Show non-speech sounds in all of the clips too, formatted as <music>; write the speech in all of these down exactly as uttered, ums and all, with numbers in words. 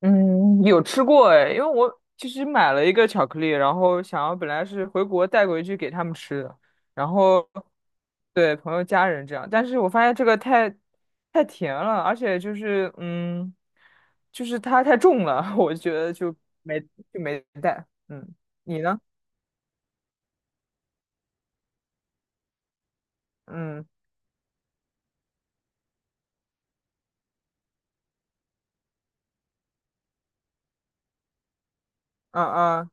嗯，有吃过。哎，因为我其实买了一个巧克力，然后想要本来是回国带回去给他们吃的，然后对朋友家人这样，但是我发现这个太太甜了，而且就是嗯，就是它太重了，<laughs> 我觉得就没就没带。嗯，你呢？嗯嗯嗯，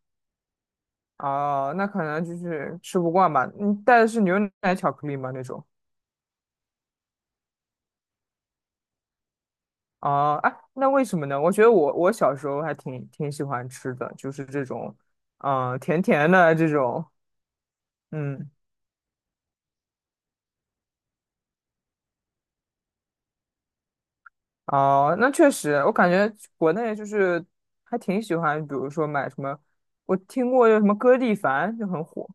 哦，那可能就是吃不惯吧。你带的是牛奶巧克力吗？那种？啊啊，那为什么呢？我觉得我我小时候还挺挺喜欢吃的，就是这种，嗯、甜甜的这种，嗯。哦、那确实，我感觉国内就是还挺喜欢，比如说买什么，我听过有什么歌地凡就很火，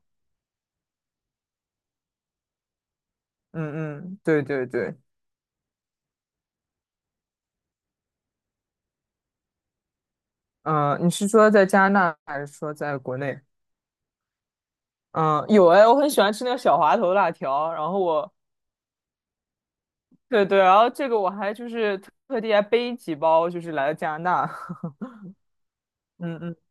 嗯嗯，对对对。嗯、你是说在加拿大还是说在国内？嗯，有哎，我很喜欢吃那个小滑头辣条，然后我，对对，然后这个我还就是特地还背几包，就是来了加拿大，<laughs> 嗯嗯。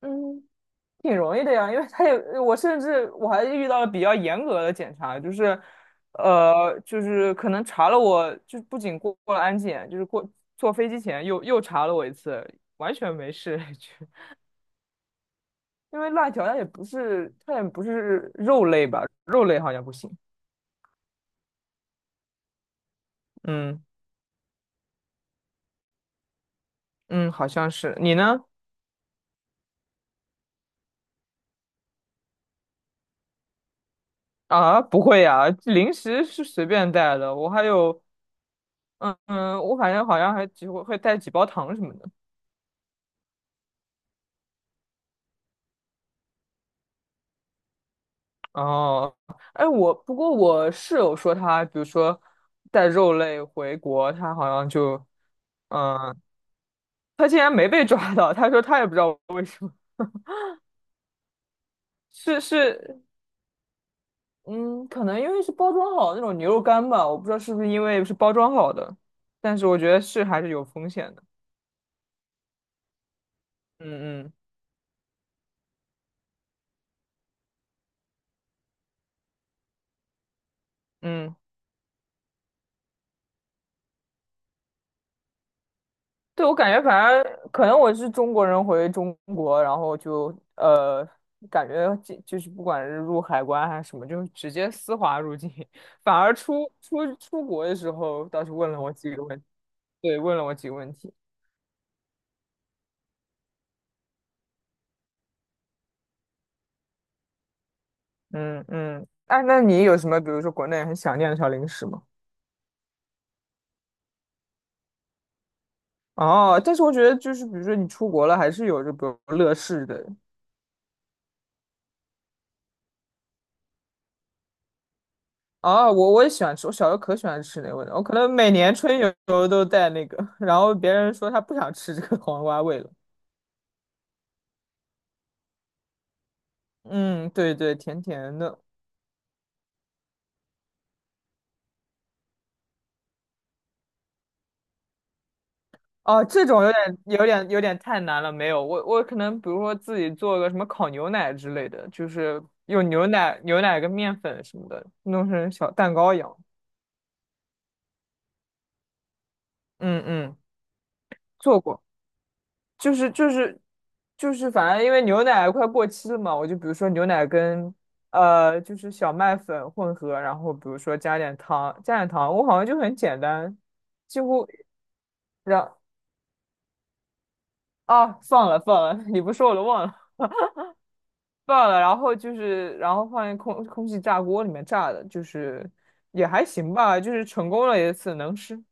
嗯，挺容易的呀，因为他也，我甚至我还遇到了比较严格的检查，就是，呃，就是可能查了我，就不仅过过了安检，就是过坐飞机前又又查了我一次，完全没事，<laughs> 就因为辣条它也不是它也不是肉类吧，肉类好像不行。嗯嗯，好像是，你呢？啊，不会呀，零食是随便带的，我还有，嗯嗯，我反正好像还几会带几包糖什么的。哦，哎，我不过我室友说他，比如说带肉类回国，他好像就，嗯，他竟然没被抓到，他说他也不知道为什么。是是，嗯，可能因为是包装好的那种牛肉干吧，我不知道是不是因为是包装好的，但是我觉得是还是有风险的。嗯嗯嗯。对，我感觉反正可能我是中国人回中国，然后就呃，感觉就就是不管是入海关还是什么，就直接丝滑入境。<laughs> 反而出出出国的时候，倒是问了我几个问题。对，问了我几个问题。嗯嗯，哎，那你有什么，比如说国内很想念的小零食吗？哦，但是我觉得就是，比如说你出国了，还是有着比如乐事的。啊，我我也喜欢吃，我小时候可喜欢吃那个味道，我可能每年春游都带那个，<laughs> 然后别人说他不想吃这个黄瓜味了。嗯，对对，甜甜的。哦，这种有点有点有点太难了，没有，我我可能比如说自己做个什么烤牛奶之类的，就是用牛奶牛奶跟面粉什么的弄成小蛋糕一样。嗯嗯，做过。就是就是就是，反正因为牛奶快过期了嘛，我就比如说牛奶跟呃就是小麦粉混合，然后比如说加点糖，加点糖，我好像就很简单，几乎然啊放了放了，<laughs> 你不说我都忘了放了，然后就是然后放进空空气炸锅里面炸的，就是也还行吧，就是成功了一次能吃，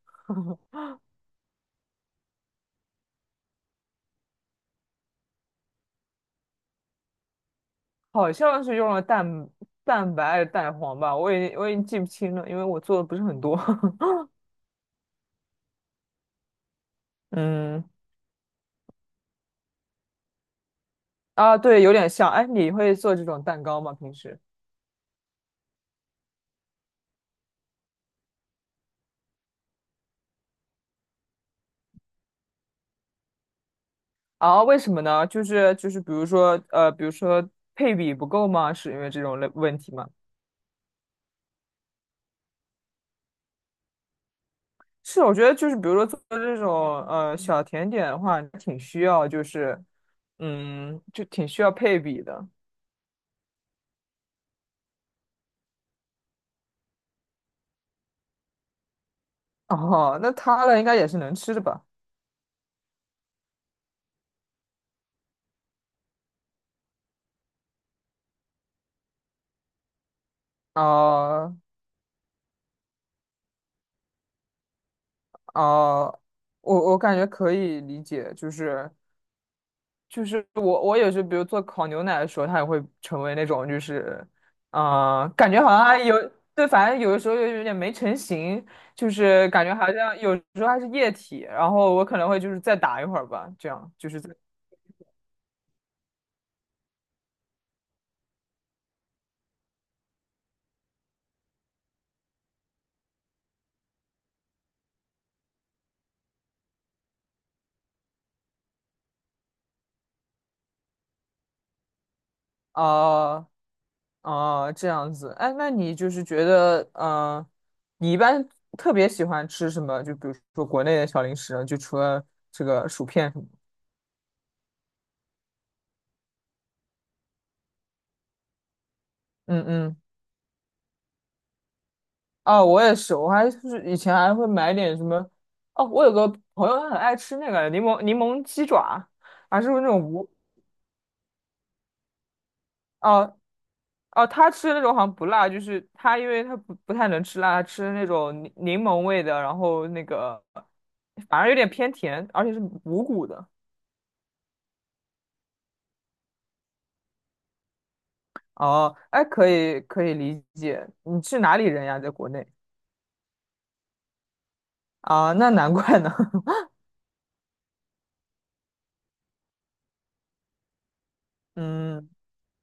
<laughs> 好像是用了蛋蛋白还是蛋黄吧，我已经我已经记不清了，因为我做的不是很多，<laughs> 嗯。啊，对，有点像。哎，你会做这种蛋糕吗？平时？啊，为什么呢？就是就是，比如说呃，比如说配比不够吗？是因为这种类问题吗？是，我觉得就是，比如说做这种呃小甜点的话，挺需要就是嗯，就挺需要配比的。哦，那它的应该也是能吃的吧？啊啊，我我感觉可以理解，就是就是我我也是，比如做烤牛奶的时候，它也会成为那种就是，嗯、感觉好像还有对，反正有的时候又有点没成型，就是感觉好像有时候还是液体，然后我可能会就是再打一会儿吧，这样就是在。啊啊、这样子。哎，那你就是觉得，嗯、你一般特别喜欢吃什么？就比如说国内的小零食呢就除了这个薯片什么的，嗯嗯。哦，我也是，我还就是以前还会买点什么，哦，我有个朋友他很爱吃那个柠檬柠檬鸡爪，还是那种无。哦哦，他吃的那种好像不辣，就是他因为他不不太能吃辣，他吃的那种柠柠檬味的，然后那个反而有点偏甜，而且是无骨的。哦，哎，可以可以理解，你是哪里人呀？在国内。啊，那难怪呢。<laughs> 嗯。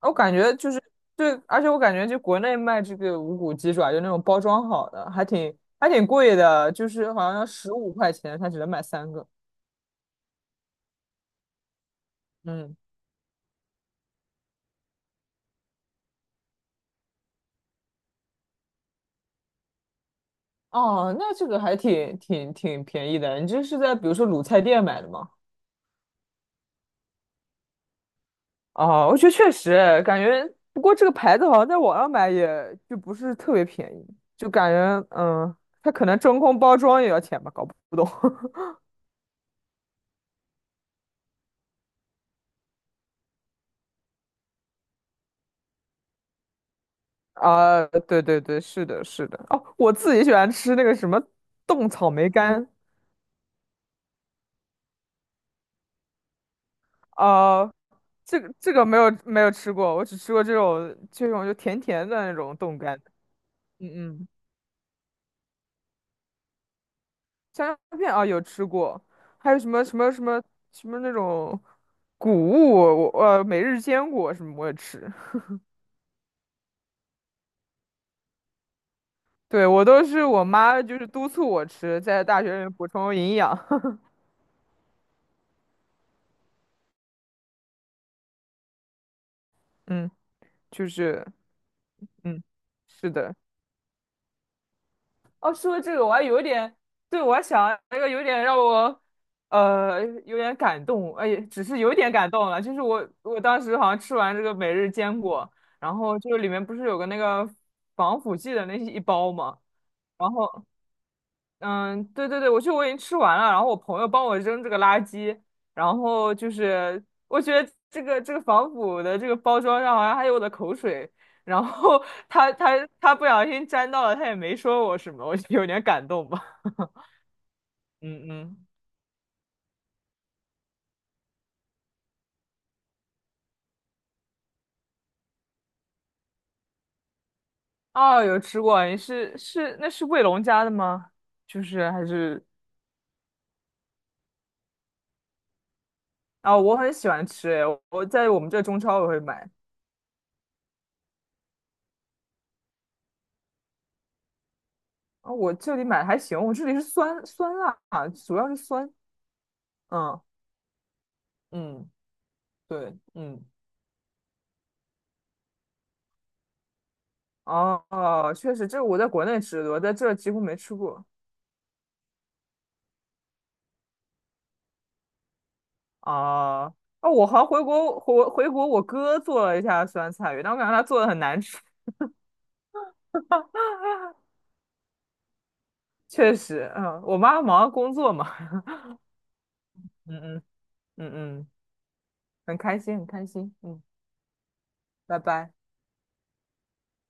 我感觉就是对，而且我感觉就国内卖这个无骨鸡爪，就那种包装好的，还挺还挺贵的，就是好像十五块钱，它只能买三个。嗯，哦，那这个还挺挺挺便宜的。你这是在比如说卤菜店买的吗？哦，我觉得确实感觉，不过这个牌子好像在网上买也就不是特别便宜，就感觉嗯，它可能真空包装也要钱吧，搞不懂。啊，对对对，是的，是的。哦，我自己喜欢吃那个什么冻草莓干。啊，这个这个没有没有吃过，我只吃过这种这种就甜甜的那种冻干。嗯嗯，香蕉片啊有吃过，还有什么什么什么什么那种谷物，我呃每日坚果什么我也吃。对，我都是我妈就是督促我吃，在大学里补充营养。<laughs> 嗯，就是嗯，是的。哦，说到这个，我还有一点，对，我还想那个有点让我，呃，有点感动，哎，只是有一点感动了，就是我我当时好像吃完这个每日坚果，然后就是里面不是有个那个防腐剂的那一包嘛，然后嗯，对对对，我就我已经吃完了，然后我朋友帮我扔这个垃圾，然后就是我觉得这个这个防腐的这个包装上好像还有我的口水。然后 <laughs> 他他他不小心沾到了，他也没说我什么，我就有点感动吧。嗯嗯，哦，有吃过，你是是那是卫龙家的吗？就是还是。啊，我很喜欢吃，诶，我在我们这中超我会买。啊，我这里买还行，我这里是酸酸辣，主要是酸，嗯嗯，对，嗯。哦哦，确实，这我在国内吃的，我在这几乎没吃过。啊啊，我好像回国回回国，我哥做了一下酸菜鱼，但我感觉他做的很难吃。确实，嗯，我妈忙着工作嘛，<laughs> 嗯嗯嗯嗯，很开心，很开心，嗯，拜拜。